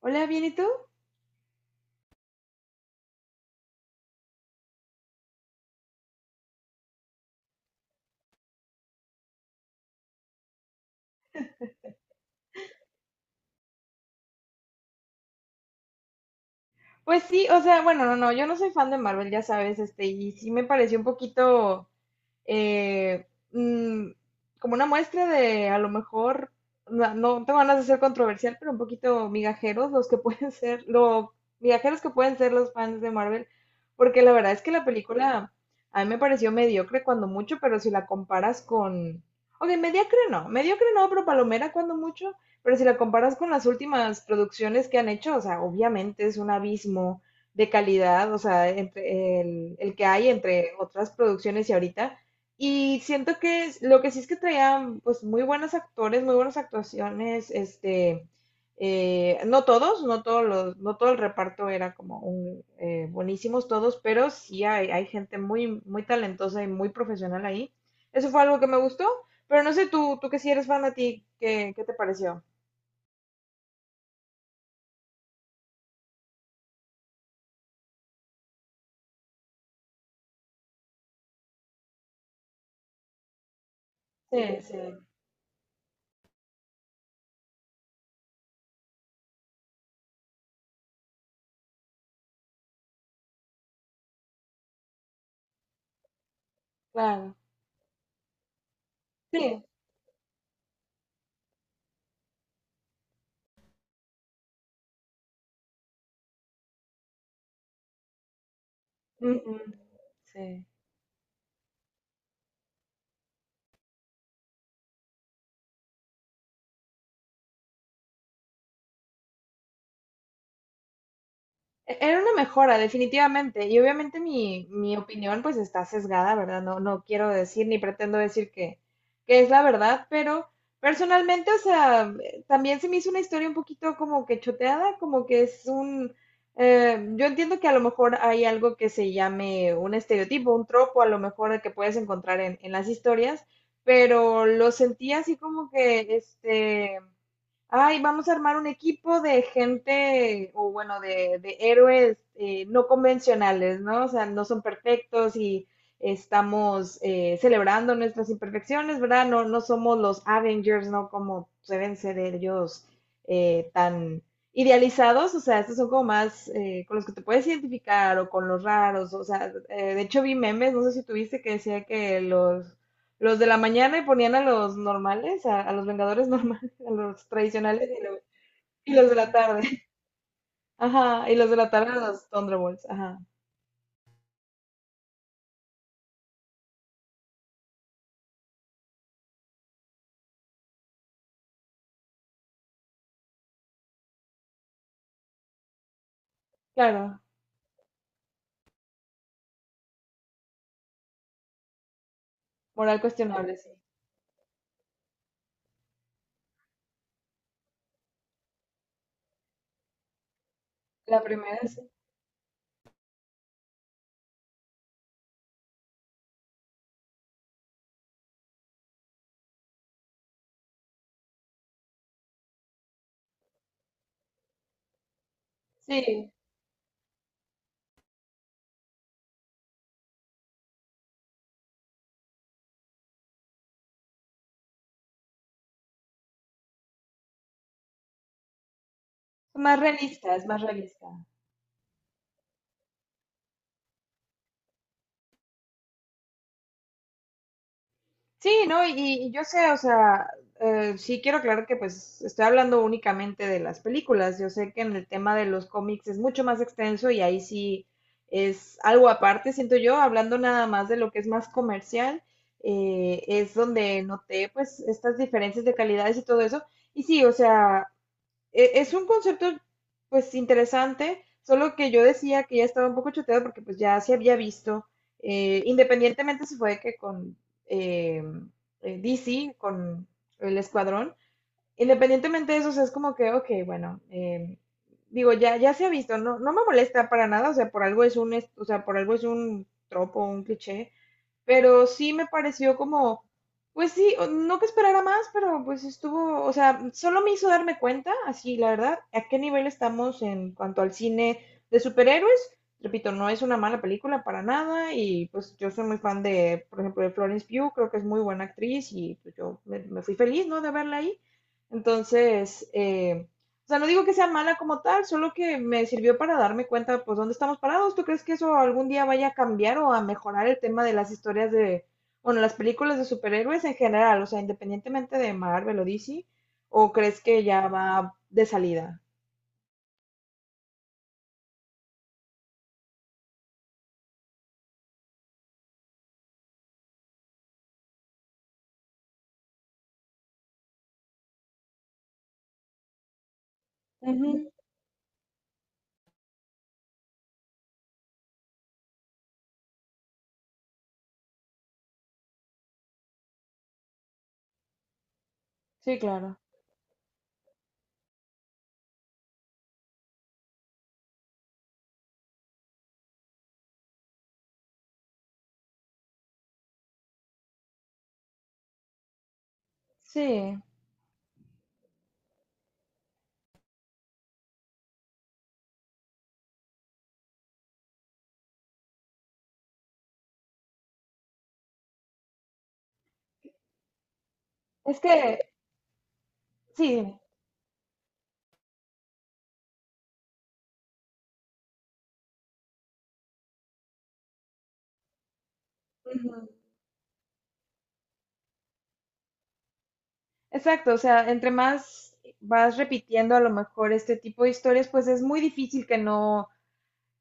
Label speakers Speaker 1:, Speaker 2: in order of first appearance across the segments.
Speaker 1: Hola, ¿bien y tú? Pues sí, o sea, bueno, no, no, yo no soy fan de Marvel, ya sabes, y sí me pareció un poquito, eh, mm, como una muestra de a lo mejor, no, no tengo ganas de ser controversial, pero un poquito migajeros los que pueden ser, lo migajeros que pueden ser los fans de Marvel, porque la verdad es que la película a mí me pareció mediocre cuando mucho, pero si la comparas con, ok, mediocre no, pero palomera cuando mucho, pero si la comparas con las últimas producciones que han hecho, o sea, obviamente es un abismo de calidad, o sea, entre el que hay entre otras producciones y ahorita, y siento que lo que sí es que traían pues muy buenos actores, muy buenas actuaciones, no todos, no todo el reparto era como un, buenísimos todos, pero sí hay gente muy, muy talentosa y muy profesional ahí. Eso fue algo que me gustó, pero no sé tú, tú que sí eres fan a ti, ¿ qué te pareció? Sí, sí, claro. Sí. Ujú. Sí. Era una mejora, definitivamente. Y obviamente mi opinión pues está sesgada, ¿verdad? No, no quiero decir ni pretendo decir que es la verdad, pero personalmente, o sea, también se me hizo una historia un poquito como que choteada, como que es un... yo entiendo que a lo mejor hay algo que se llame un estereotipo, un tropo, a lo mejor que puedes encontrar en las historias, pero lo sentí así como que, este, ay, vamos a armar un equipo de gente, o bueno, de héroes no convencionales, ¿no? O sea, no son perfectos y estamos, celebrando nuestras imperfecciones, ¿verdad? No, no somos los Avengers, ¿no? Como deben ser ellos, tan idealizados, o sea, estos son como más, con los que te puedes identificar o con los raros, o sea, de hecho vi memes, no sé si tuviste que decía que los de la mañana ponían a los normales, a los Vengadores normales a los tradicionales y, y los de la tarde. Ajá, y los de la tarde a los Thunderbolts. Ajá, claro. Moral cuestionable, sí. La primera sí. Sí, es más realista, es más realista. Sí, ¿no? Y yo sé, o sea, sí quiero aclarar que pues estoy hablando únicamente de las películas. Yo sé que en el tema de los cómics es mucho más extenso y ahí sí es algo aparte, siento yo, hablando nada más de lo que es más comercial, es donde noté pues estas diferencias de calidades y todo eso. Y sí, o sea, es un concepto pues interesante, solo que yo decía que ya estaba un poco choteado porque pues ya se había visto, independientemente si fue que con eh, DC, con el escuadrón, independientemente de eso, o sea, es como que, ok, bueno, digo, ya se ha visto, no, no me molesta para nada, o sea, por algo es un, o sea, por algo es un tropo, un cliché, pero sí me pareció como, pues sí, no que esperara más, pero pues estuvo, o sea, solo me hizo darme cuenta, así la verdad, a qué nivel estamos en cuanto al cine de superhéroes. Repito, no es una mala película para nada y pues yo soy muy fan de, por ejemplo, de Florence Pugh, creo que es muy buena actriz y pues me fui feliz, ¿no? De verla ahí. Entonces, o sea, no digo que sea mala como tal, solo que me sirvió para darme cuenta, pues, dónde estamos parados. ¿Tú crees que eso algún día vaya a cambiar o a mejorar el tema de las historias de, bueno, las películas de superhéroes en general? O sea, independientemente de Marvel o DC, ¿o crees que ya va de salida? Ujú. Sí, claro. Sí. Es que, sí, dime. Ujú. Exacto, o sea, entre más vas repitiendo a lo mejor este tipo de historias, pues es muy difícil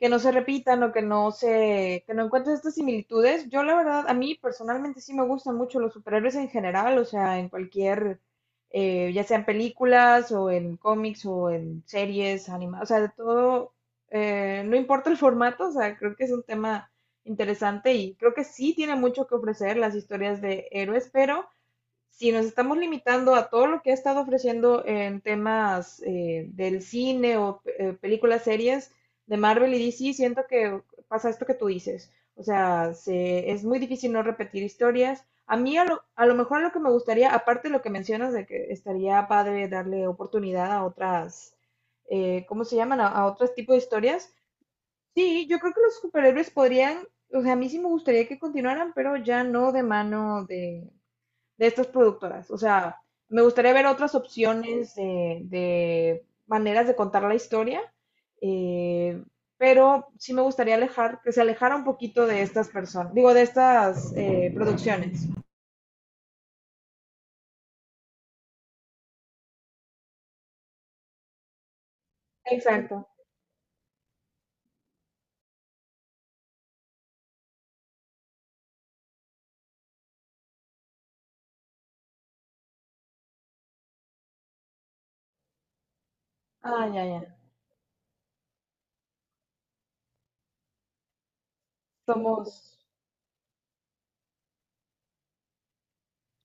Speaker 1: que no se repitan o que no se, que no encuentres estas similitudes. Yo la verdad, a mí personalmente sí me gustan mucho los superhéroes en general, o sea, en cualquier, ya sean películas o en cómics o en series, animadas, o sea, de todo, no importa el formato, o sea, creo que es un tema interesante y creo que sí tiene mucho que ofrecer las historias de héroes, pero si nos estamos limitando a todo lo que ha estado ofreciendo en temas, del cine o películas, series de Marvel y DC, siento que pasa esto que tú dices. O sea, es muy difícil no repetir historias. A mí a lo mejor lo que me gustaría, aparte de lo que mencionas, de que estaría padre darle oportunidad a otras, ¿cómo se llaman? A otros tipos de historias. Sí, yo creo que los superhéroes podrían, o sea, a mí sí me gustaría que continuaran, pero ya no de mano de estas productoras. O sea, me gustaría ver otras opciones de maneras de contar la historia, eh, pero sí me gustaría alejar, que se alejara un poquito de estas personas, digo, de estas, producciones. Exacto. Ah, ya, ya. Somos,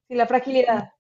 Speaker 1: sí, la fragilidad.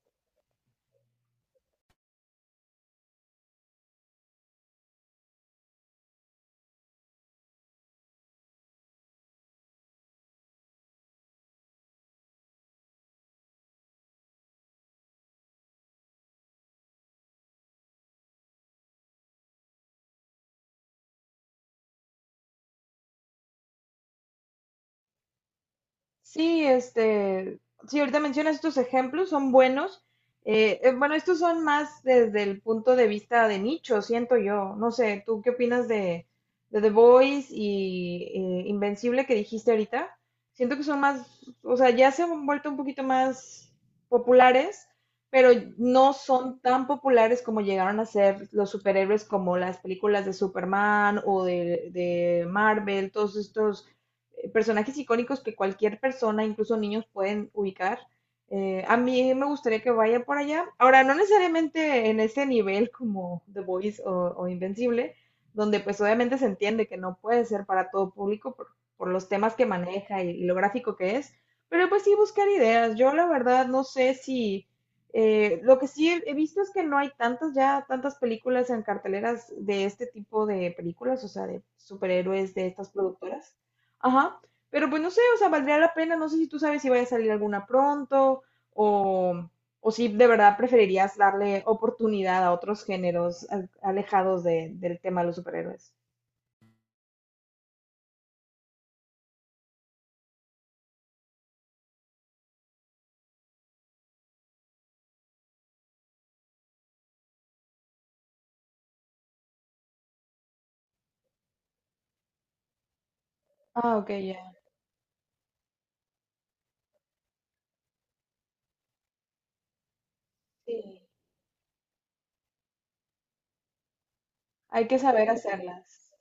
Speaker 1: Sí, sí, ahorita mencionas estos ejemplos, son buenos. Bueno, estos son más desde el punto de vista de nicho, siento yo. No sé, ¿tú qué opinas de The Voice y Invencible que dijiste ahorita? Siento que son más, o sea, ya se han vuelto un poquito más populares, pero no son tan populares como llegaron a ser los superhéroes como las películas de Superman o de Marvel, todos estos, personajes icónicos que cualquier persona, incluso niños, pueden ubicar. A mí me gustaría que vaya por allá. Ahora, no necesariamente en ese nivel como The Voice o Invencible, donde pues obviamente se entiende que no puede ser para todo público por los temas que maneja y lo gráfico que es, pero pues sí buscar ideas. Yo la verdad no sé si... lo que sí he visto es que no hay tantas ya, tantas películas en carteleras de este tipo de películas, o sea, de superhéroes de estas productoras. Ajá. Pero pues no sé, o sea, valdría la pena. No sé si tú sabes si vaya a salir alguna pronto o, o si de verdad preferirías darle oportunidad a otros géneros alejados del tema de los superhéroes. Ah, ok, ya. Sí. Hay que saber hacerlas.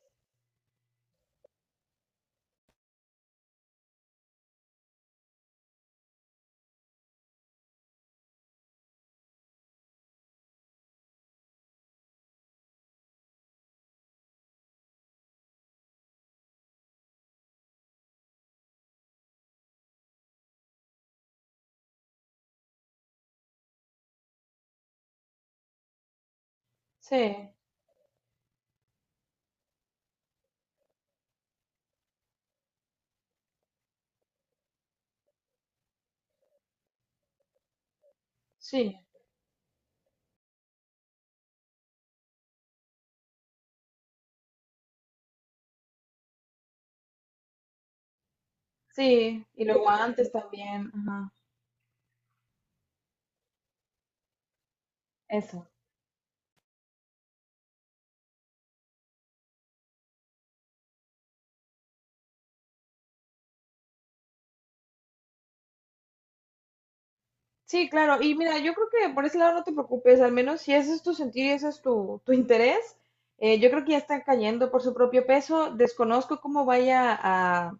Speaker 1: Sí, sí, sí. Y luego antes también. Ajá. Eso. Sí, claro. Y mira, yo creo que por ese lado no te preocupes, al menos si ese es tu sentir y ese es tu interés, yo creo que ya están cayendo por su propio peso. Desconozco cómo vaya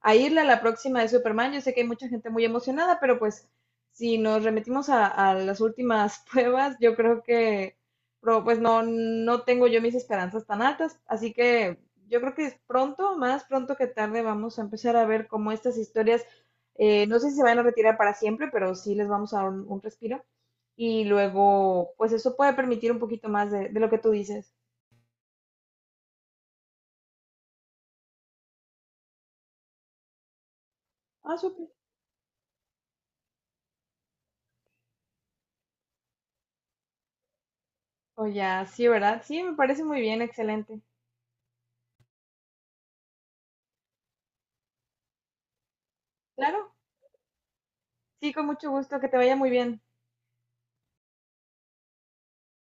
Speaker 1: a irle a la próxima de Superman. Yo sé que hay mucha gente muy emocionada, pero pues si nos remitimos a las últimas pruebas, yo creo que pues no, no tengo yo mis esperanzas tan altas. Así que yo creo que pronto, más pronto que tarde, vamos a empezar a ver cómo estas historias, no sé si se van a retirar para siempre, pero sí les vamos a dar un respiro. Y luego, pues eso puede permitir un poquito más de lo que tú dices. Ah, súper. O ya, sí, ¿verdad? Sí, me parece muy bien, excelente. Claro, sí, con mucho gusto, que te vaya muy bien.